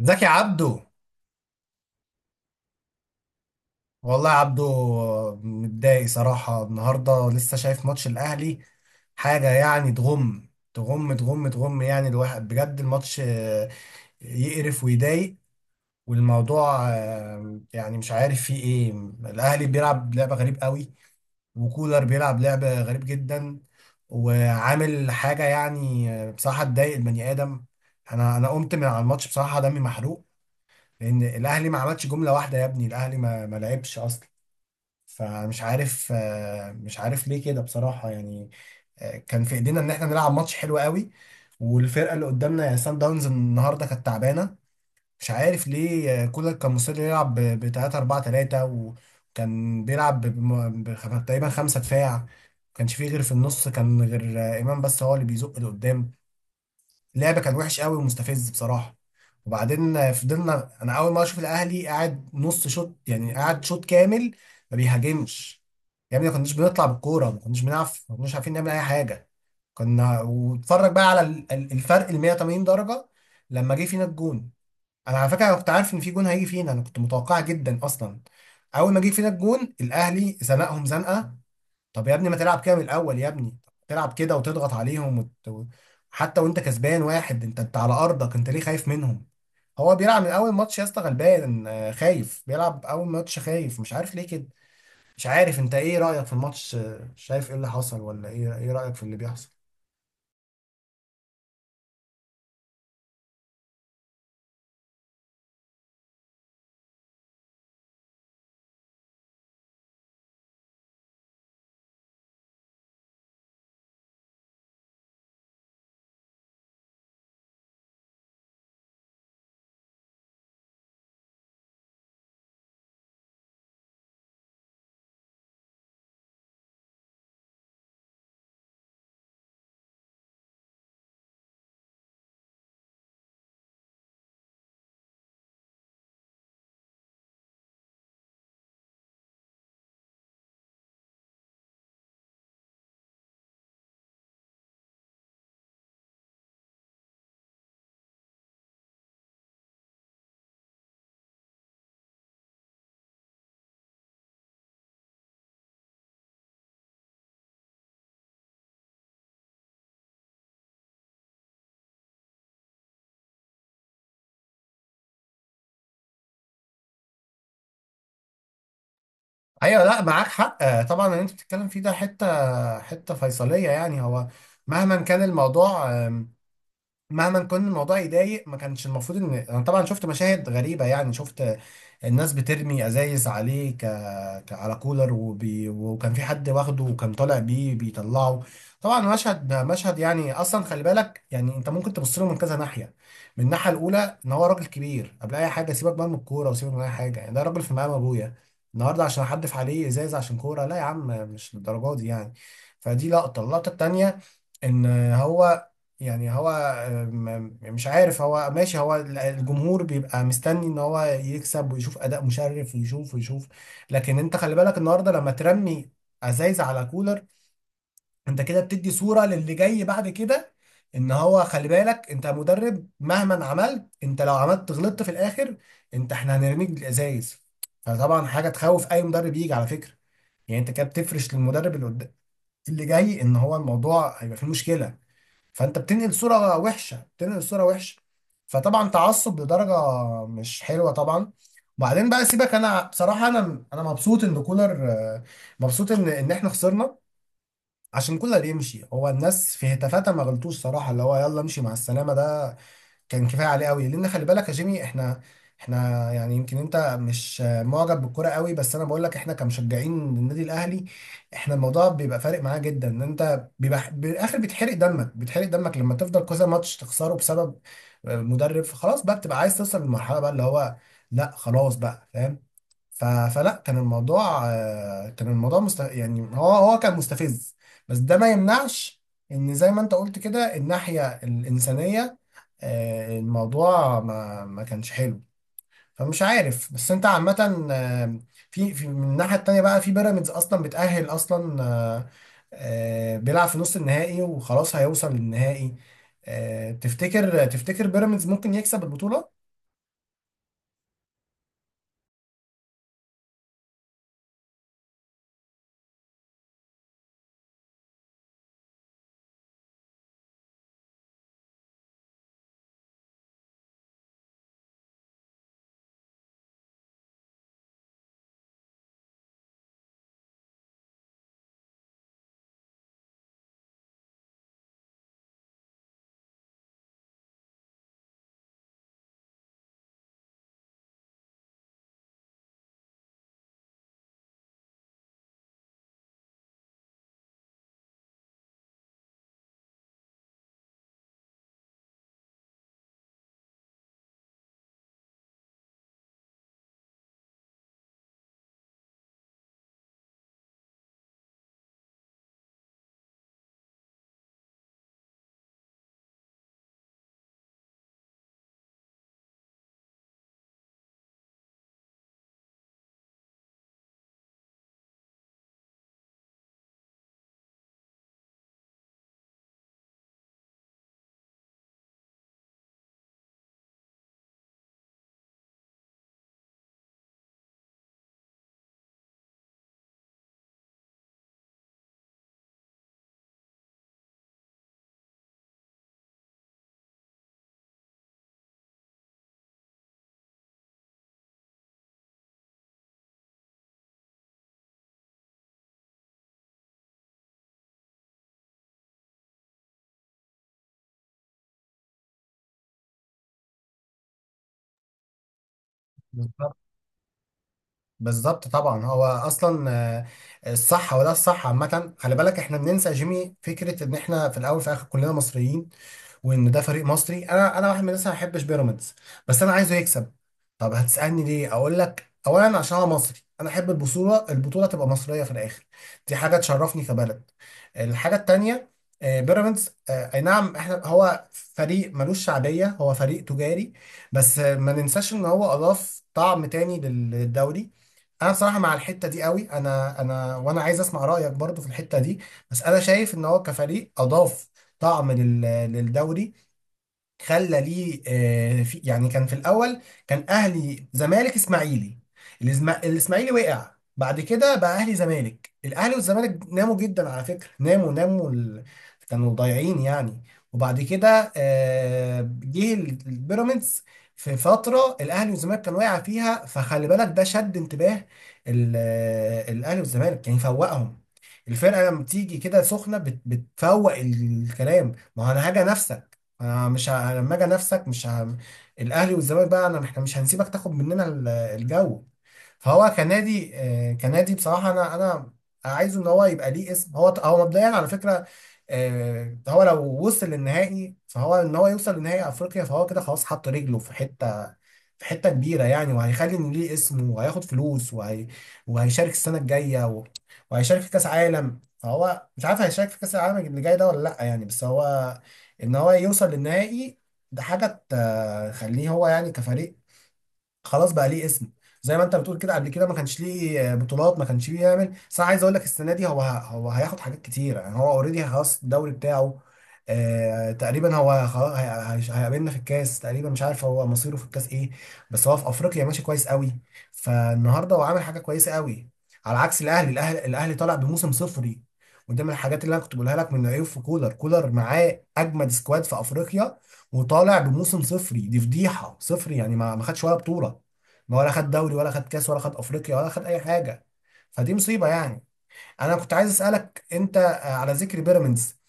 ازيك يا عبدو. والله يا عبدو، متضايق صراحة النهاردة، لسه شايف ماتش الأهلي. حاجة يعني تغم تغم تغم تغم، يعني الواحد بجد الماتش يقرف ويضايق. والموضوع يعني مش عارف فيه ايه. الأهلي بيلعب لعبة غريب قوي، وكولر بيلعب لعبة غريب جدا، وعامل حاجة يعني بصراحة تضايق البني آدم. أنا قمت من على الماتش بصراحة دمي محروق، لأن الأهلي ما عملش جملة واحدة. يا ابني الأهلي ما لعبش أصلا. فمش عارف، مش عارف ليه كده بصراحة يعني. كان في ايدينا ان احنا نلعب ماتش حلو قوي، والفرقة اللي قدامنا يعني سان داونز النهاردة كانت تعبانة. مش عارف ليه، كولر كان مصر يلعب ب 3 4 3، وكان بيلعب تقريبا خمسة دفاع. ما كانش فيه غير في النص، كان غير إمام بس هو اللي بيزق لقدام. اللعب كان وحش قوي ومستفز بصراحه. وبعدين فضلنا، انا اول ما اشوف الاهلي قاعد نص شوط، يعني قاعد شوط كامل ما بيهاجمش. يا ابني ما كناش بنطلع بالكوره، ما كناش بنعرف، ما كناش عارفين نعمل اي حاجه. كنا واتفرج بقى على الفرق ال 180 درجه لما جه فينا الجون. انا على فكره أنا كنت عارف ان في جون هيجي فينا، انا كنت متوقع جدا اصلا. اول ما جه فينا الجون الاهلي زنقهم زنقه. طب يا ابني ما تلعب كده من الاول يا ابني، تلعب كده وتضغط عليهم حتى وانت كسبان واحد، انت على ارضك، انت ليه خايف منهم؟ هو بيلعب من اول ماتش يا اسطى غلبان، خايف، بيلعب اول ماتش خايف، مش عارف ليه كده. مش عارف انت ايه رايك في الماتش، شايف ايه اللي حصل، ولا ايه ايه رايك في اللي بيحصل؟ ايوه، لا معاك حق، طبعا اللي انت بتتكلم فيه ده حته حته فيصليه يعني. هو مهما كان الموضوع، مهما كان الموضوع يضايق، ما كانش المفروض. ان انا طبعا شفت مشاهد غريبه، يعني شفت الناس بترمي ازايز عليه على كولر، وكان في حد واخده وكان طالع بيه بيطلعه. طبعا مشهد يعني اصلا، خلي بالك يعني انت ممكن تبص له من كذا ناحيه. من الناحيه الاولى ان هو راجل كبير قبل اي حاجه، سيبك بقى من الكوره وسيبك من اي حاجه، يعني ده راجل في مقام ابويا. النهارده عشان احدف عليه ازايز عشان كوره؟ لا يا عم مش للدرجه دي يعني. فدي لقطه. اللقطه التانيه ان هو، يعني هو، مش عارف، هو ماشي، هو الجمهور بيبقى مستني ان هو يكسب ويشوف اداء مشرف ويشوف ويشوف. لكن انت خلي بالك، النهارده لما ترمي ازايز على كولر، انت كده بتدي صورة للي جاي بعد كده. ان هو خلي بالك، انت مدرب مهما عملت، انت لو عملت غلطت في الاخر، انت احنا هنرميك بالازايز. فطبعا حاجة تخوف اي مدرب يجي على فكرة. يعني انت كده بتفرش للمدرب اللي جاي ان هو الموضوع هيبقى فيه مشكلة. فانت بتنقل صورة وحشة، بتنقل صورة وحشة. فطبعا تعصب لدرجة مش حلوة طبعا. وبعدين بقى سيبك، انا بصراحة انا مبسوط ان كولر، مبسوط ان احنا خسرنا عشان كولر يمشي. هو الناس في هتافاتها ما غلطوش صراحة، اللي هو يلا امشي مع السلامة ده كان كفايه عليه قوي. لان خلي بالك يا جيمي، احنا يعني، يمكن انت مش معجب بالكوره قوي، بس انا بقول لك احنا كمشجعين للنادي الاهلي، احنا الموضوع بيبقى فارق معاه جدا. ان انت بيبقى بالاخر بتحرق دمك، بتحرق دمك لما تفضل كذا ماتش تخسره بسبب مدرب. فخلاص بقى بتبقى عايز توصل للمرحله بقى اللي هو، لا خلاص بقى فاهم. ف- فلا كان الموضوع، كان الموضوع يعني هو كان مستفز. بس ده ما يمنعش ان زي ما انت قلت كده الناحيه الانسانيه، الموضوع ما كانش حلو. فمش عارف. بس انت عامة، في من الناحية التانية بقى، في بيراميدز اصلا بتأهل اصلا، بيلعب في نص النهائي وخلاص هيوصل للنهائي. تفتكر تفتكر بيراميدز ممكن يكسب البطولة؟ بالظبط، بالظبط. طبعا هو اصلا، الصح، وده الصح عامة. خلي بالك احنا بننسى يا جيمي فكرة ان احنا في الاول في الاخر كلنا مصريين، وان ده فريق مصري. انا واحد من الناس ما بحبش بيراميدز، بس انا عايزه يكسب. طب هتسالني ليه؟ اقول لك، اولا عشان انا مصري، انا احب البطوله، البطوله تبقى مصريه في الاخر، دي حاجه تشرفني كبلد. الحاجه التانيه، بيراميدز، اي نعم احنا هو فريق ملوش شعبيه، هو فريق تجاري، بس ما ننساش ان هو اضاف طعم تاني للدوري. انا بصراحه مع الحته دي قوي، انا وانا عايز اسمع رايك برضو في الحته دي. بس انا شايف ان هو كفريق اضاف طعم للدوري. خلى ليه، في، يعني كان في الاول كان اهلي زمالك اسماعيلي. الاسماعيلي وقع. بعد كده بقى اهلي زمالك، الاهلي والزمالك ناموا جدا على فكره، ناموا كانوا ضايعين يعني. وبعد كده جه البيراميدز في فتره الاهلي والزمالك كان واقع فيها. فخلي بالك ده شد انتباه الاهلي والزمالك يعني فوقهم. الفرقه لما بتيجي كده سخنه بتفوق الكلام، ما هو انا هاجي انافسك، انا مش ه... لما اجي نفسك مش ه... الاهلي والزمالك بقى، انا احنا مش هنسيبك تاخد مننا الجو. فهو كنادي، كنادي بصراحه، انا عايزه ان هو يبقى ليه اسم. هو مبدئيا على فكره، هو لو وصل للنهائي، فهو ان هو يوصل لنهائي افريقيا فهو كده خلاص حط رجله في حته، في حته كبيره يعني، وهيخلي ان ليه اسمه، وهياخد فلوس، وهيشارك السنه الجايه وهيشارك في كاس عالم. فهو مش عارف هيشارك في كاس العالم اللي جاي ده ولا لا يعني، بس هو ان هو يوصل للنهائي، ده حاجه تخليه هو يعني كفريق خلاص بقى ليه اسم. زي ما انت بتقول كده قبل كده ما كانش ليه بطولات، ما كانش بيعمل، بس انا عايز اقول لك السنه دي هو هياخد حاجات كتير يعني، هو اوريدي خلاص الدوري بتاعه آه تقريبا هو خلاص. هيقابلنا في الكاس تقريبا، مش عارف هو مصيره في الكاس ايه، بس هو في افريقيا ماشي كويس قوي. فالنهارده هو عامل حاجه كويسه قوي على عكس الاهلي. الاهلي الاهلي طالع بموسم صفري. ودي من الحاجات اللي انا كنت بقولها لك من عيوب في كولر معاه اجمد سكواد في افريقيا وطالع بموسم صفري، دي فضيحه. صفري يعني ما خدش ولا بطوله، ما ولا خد دوري، ولا خد كاس، ولا خد افريقيا، ولا خد اي حاجه. فدي مصيبه يعني. انا كنت عايز اسالك انت، على ذكر بيراميدز،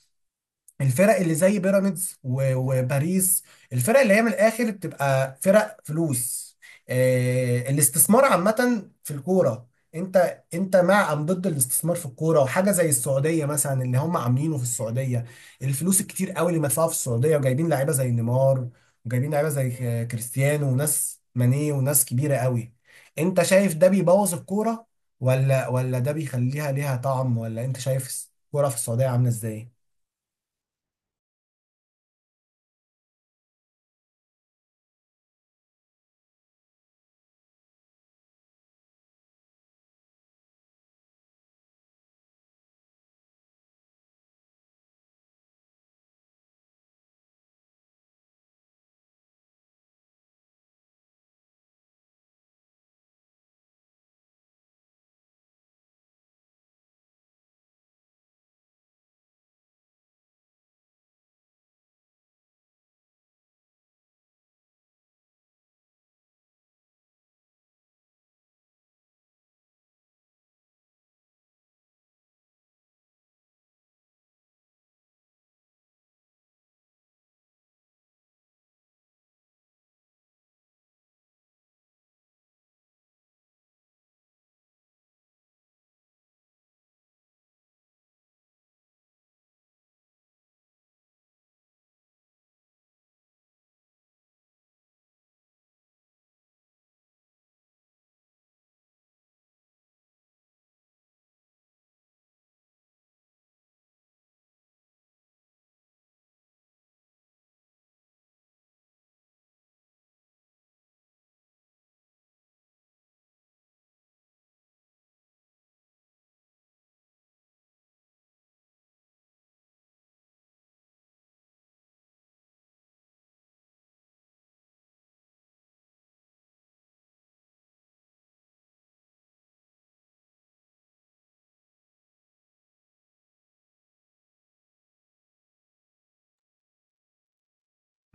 الفرق اللي زي بيراميدز وباريس، الفرق اللي هي من الاخر بتبقى فرق فلوس، الاستثمار عامة في الكورة، انت مع ام ضد الاستثمار في الكورة؟ وحاجة زي السعودية مثلا اللي هم عاملينه في السعودية، الفلوس الكتير قوي اللي مدفوعة في السعودية، وجايبين لعيبة زي نيمار، وجايبين لعيبة زي كريستيانو وناس ماني وناس كبيرة قوي. انت شايف ده بيبوظ الكورة، ولا ده بيخليها ليها طعم؟ ولا انت شايف الكورة في السعودية عاملة ازاي؟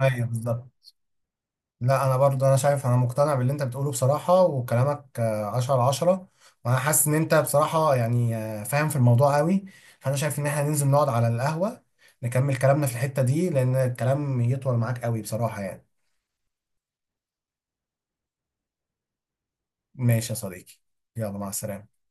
ايوه، بالظبط. لا انا برضه، انا شايف، انا مقتنع باللي انت بتقوله بصراحه، وكلامك عشرة على عشرة. وانا حاسس ان انت بصراحه يعني فاهم في الموضوع قوي. فانا شايف ان احنا ننزل نقعد على القهوه، نكمل كلامنا في الحته دي، لان الكلام يطول معاك قوي بصراحه يعني. ماشي يا صديقي، يلا مع السلامه.